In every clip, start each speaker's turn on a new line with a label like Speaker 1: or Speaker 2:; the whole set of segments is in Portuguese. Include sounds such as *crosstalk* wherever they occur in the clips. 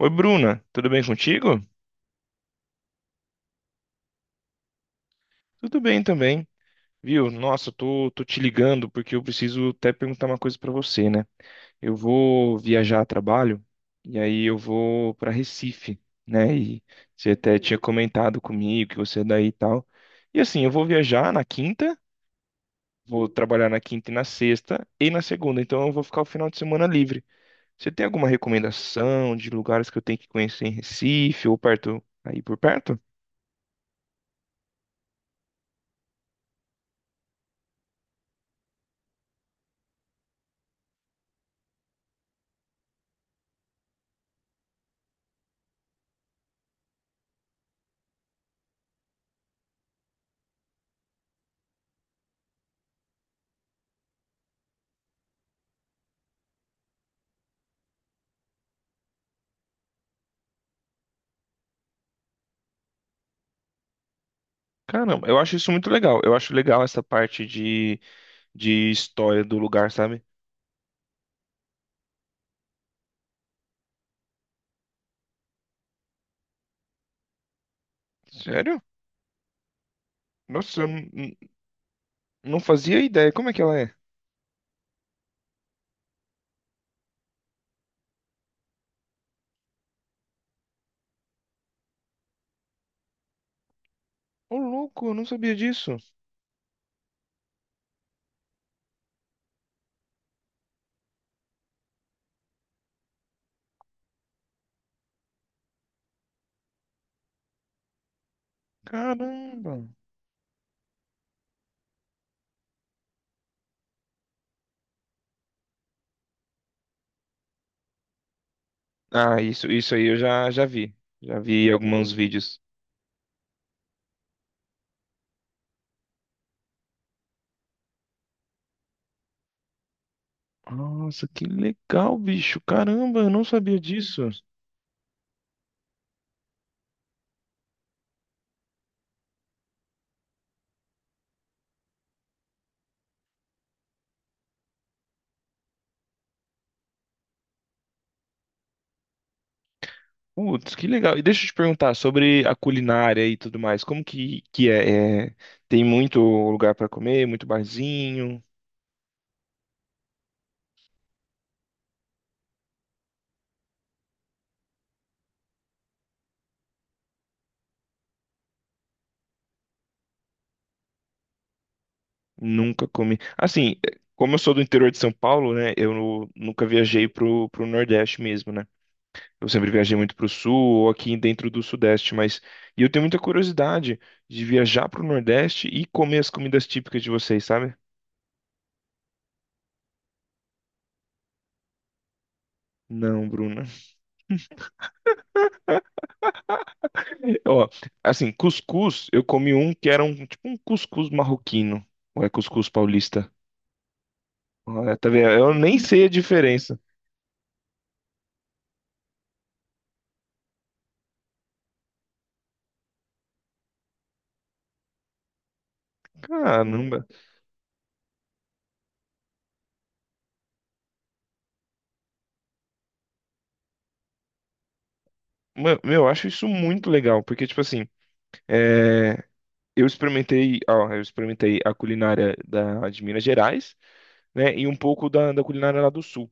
Speaker 1: Oi, Bruna, tudo bem contigo? Tudo bem também, viu? Nossa, tô te ligando porque eu preciso até perguntar uma coisa pra você, né? Eu vou viajar a trabalho e aí eu vou pra Recife, né? E você até tinha comentado comigo que você é daí e tal. E assim, eu vou viajar na quinta, vou trabalhar na quinta e na sexta e na segunda, então eu vou ficar o final de semana livre. Você tem alguma recomendação de lugares que eu tenho que conhecer em Recife ou perto, aí por perto? Caramba, eu acho isso muito legal. Eu acho legal essa parte de história do lugar, sabe? Sério? Nossa, eu não fazia ideia. Como é que ela é? Ô, louco, eu não sabia disso. Caramba. Ah, isso aí eu já vi. Já vi alguns vídeos. Nossa, que legal, bicho. Caramba, eu não sabia disso. Putz, que legal. E deixa eu te perguntar sobre a culinária e tudo mais. Como que é? Tem muito lugar pra comer, muito barzinho. Nunca comi. Assim, como eu sou do interior de São Paulo, né? Eu nunca viajei pro Nordeste mesmo, né? Eu sempre viajei muito pro Sul ou aqui dentro do Sudeste, mas... E eu tenho muita curiosidade de viajar pro Nordeste e comer as comidas típicas de vocês, sabe? Não, Bruna. *laughs* Ó, assim, cuscuz, eu comi um que era um tipo um cuscuz marroquino. Ou é cuscuz paulista? Olha, tá vendo? Eu nem sei a diferença. Caramba. Mano, meu, eu acho isso muito legal, porque, tipo assim, eh, Eu experimentei, ó, eu experimentei a culinária de Minas Gerais, né, e um pouco da culinária lá do Sul.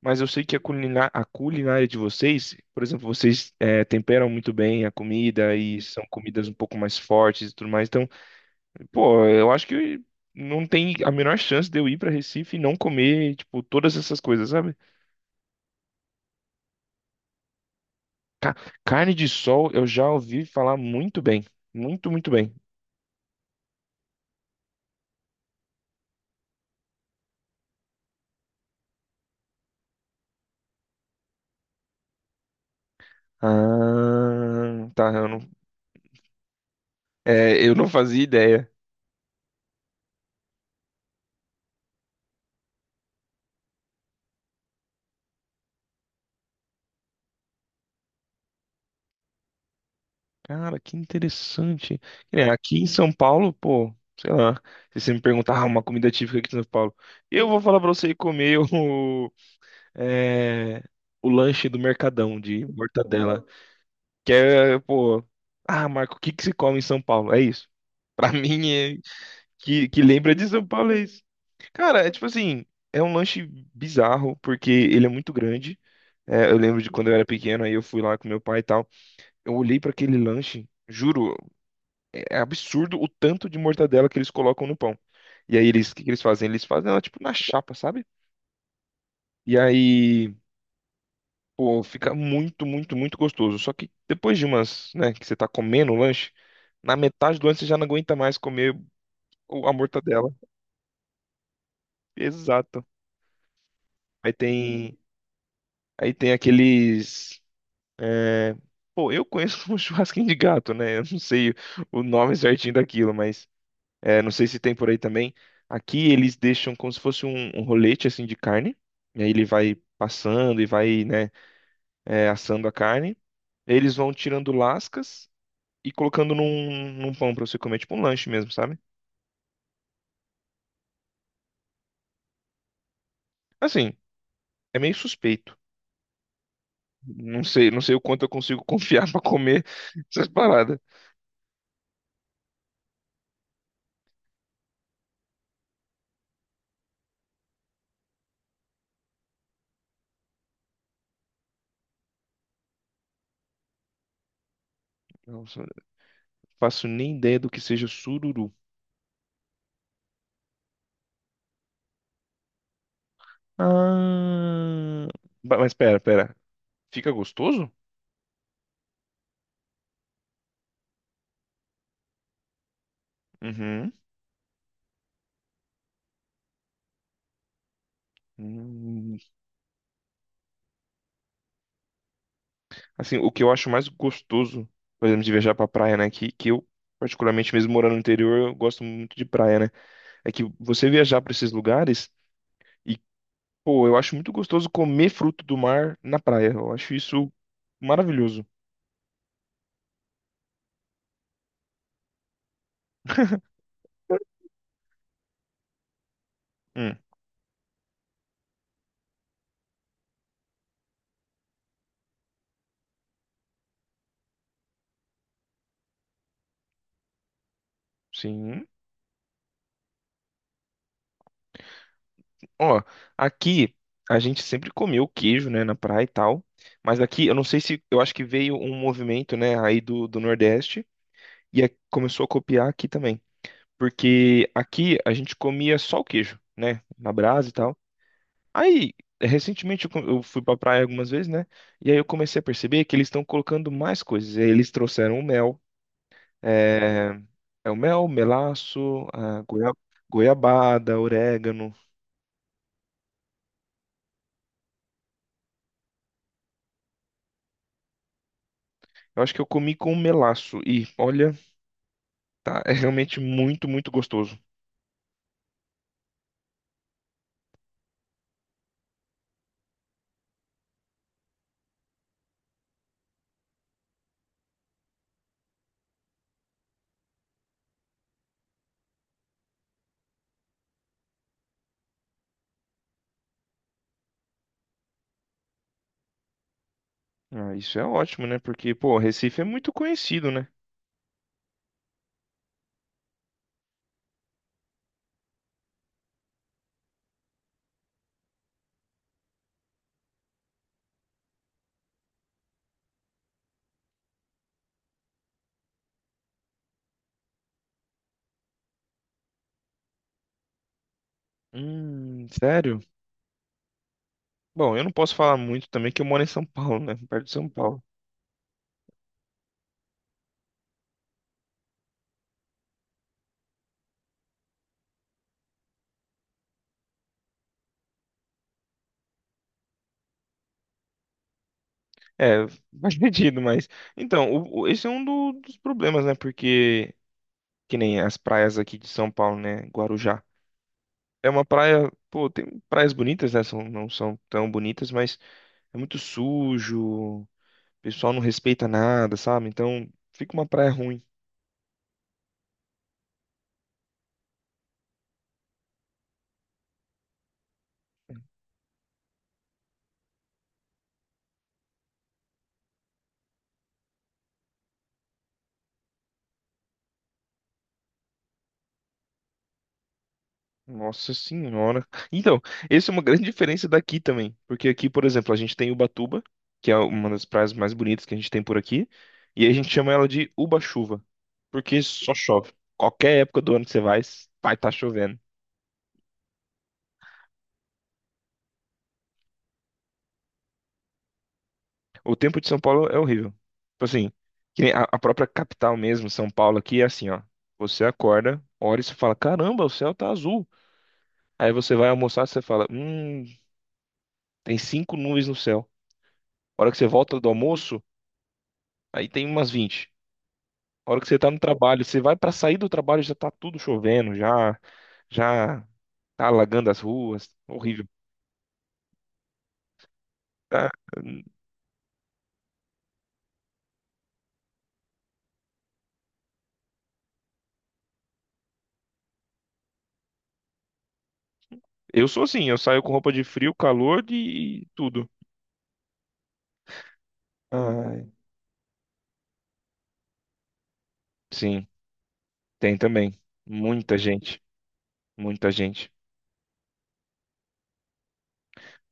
Speaker 1: Mas eu sei que a culinária de vocês, por exemplo, vocês temperam muito bem a comida e são comidas um pouco mais fortes e tudo mais. Então, pô, eu acho que não tem a menor chance de eu ir para Recife e não comer, tipo, todas essas coisas, sabe? Ca- Carne de sol, eu já ouvi falar muito bem, muito, muito bem. Ah, tá, eu não fazia ideia. Cara, que interessante. Que nem aqui em São Paulo, pô, sei lá, se você me perguntar ah, uma comida típica aqui de São Paulo, eu vou falar pra você ir comer *laughs* é, o lanche do Mercadão de mortadela. Que é, pô, ah, Marco, o que que se come em São Paulo? É isso. Pra *laughs* mim, que lembra de São Paulo é isso. Cara, é tipo assim, é um lanche bizarro, porque ele é muito grande. É, eu lembro de quando eu era pequeno, aí eu fui lá com meu pai e tal. Eu olhei pra aquele lanche, juro, é absurdo o tanto de mortadela que eles colocam no pão. E aí eles, o que que eles fazem? Eles fazem ela tipo na chapa, sabe? E aí, pô, fica muito, muito, muito gostoso. Só que depois de umas, né, que você tá comendo o lanche, na metade do lanche você já não aguenta mais comer a mortadela. Exato. Aí tem, aí tem aqueles, é, pô, eu conheço *laughs* um churrasquinho de gato, né? Eu não sei o nome certinho daquilo, mas não sei se tem por aí também. Aqui eles deixam como se fosse um rolete assim de carne. E aí ele vai passando e vai, né, assando a carne. Eles vão tirando lascas e colocando num pão pra você comer, tipo um lanche mesmo, sabe? Assim, é meio suspeito. Não sei o quanto eu consigo confiar *laughs* pra comer essas paradas. Nossa, não faço nem ideia do que seja sururu. Ah, mas pera, pera. Fica gostoso? Uhum. Hum, Assim, o que eu acho mais gostoso, por exemplo, de viajar pra praia, né? Que eu, particularmente, mesmo morando no interior, eu gosto muito de praia, né? É que você viajar pra esses lugares e, pô, eu acho muito gostoso comer fruto do mar na praia. Eu acho isso maravilhoso. Hum, sim. Ó, aqui a gente sempre comeu queijo, né, na praia e tal. Mas aqui, eu não sei se, eu acho que veio um movimento, né, aí do Nordeste e começou a copiar aqui também. Porque aqui a gente comia só o queijo, né, na brasa e tal. Aí, recentemente eu fui pra praia algumas vezes, né? E aí eu comecei a perceber que eles estão colocando mais coisas. E aí eles trouxeram o mel, é, melaço, a goiabada, orégano. Eu acho que eu comi com melaço e olha, tá, é realmente muito, muito gostoso. Ah, isso é ótimo, né? Porque, pô, Recife é muito conhecido, né? Sério? Bom, eu não posso falar muito também que eu moro em São Paulo, né? Perto de São Paulo. É, *laughs* faz sentido, mas. Então, esse é um dos problemas, né? Porque, que nem as praias aqui de São Paulo, né? Guarujá. É uma praia. Pô, tem praias bonitas, né? São, não são tão bonitas, mas é muito sujo. O pessoal não respeita nada, sabe? Então, fica uma praia ruim. Nossa senhora. Então, essa é uma grande diferença daqui também, porque aqui, por exemplo, a gente tem Ubatuba, que é uma das praias mais bonitas que a gente tem por aqui, e a gente chama ela de Uba-chuva, porque só chove. Qualquer época do ano que você vai, vai estar chovendo. O tempo de São Paulo é horrível. Tipo assim, que nem a própria capital mesmo, São Paulo aqui é assim, ó. Você acorda, olha e você fala, caramba, o céu tá azul. Aí você vai almoçar, você fala, tem cinco nuvens no céu. A hora que você volta do almoço, aí tem umas 20. A hora que você tá no trabalho, você vai pra sair do trabalho, já tá tudo chovendo, já tá alagando as ruas, horrível. Tá? Eu sou assim, eu saio com roupa de frio, calor e tudo. Ai. Sim, tem também. Muita gente, muita gente.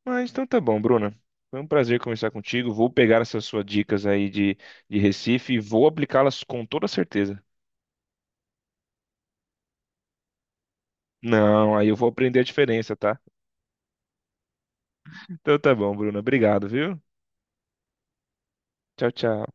Speaker 1: Mas então tá bom, Bruna. Foi um prazer conversar contigo. Vou pegar essas suas dicas aí de Recife e vou aplicá-las com toda certeza. Não, aí eu vou aprender a diferença, tá? Então tá bom, Bruna. Obrigado, viu? Tchau, tchau.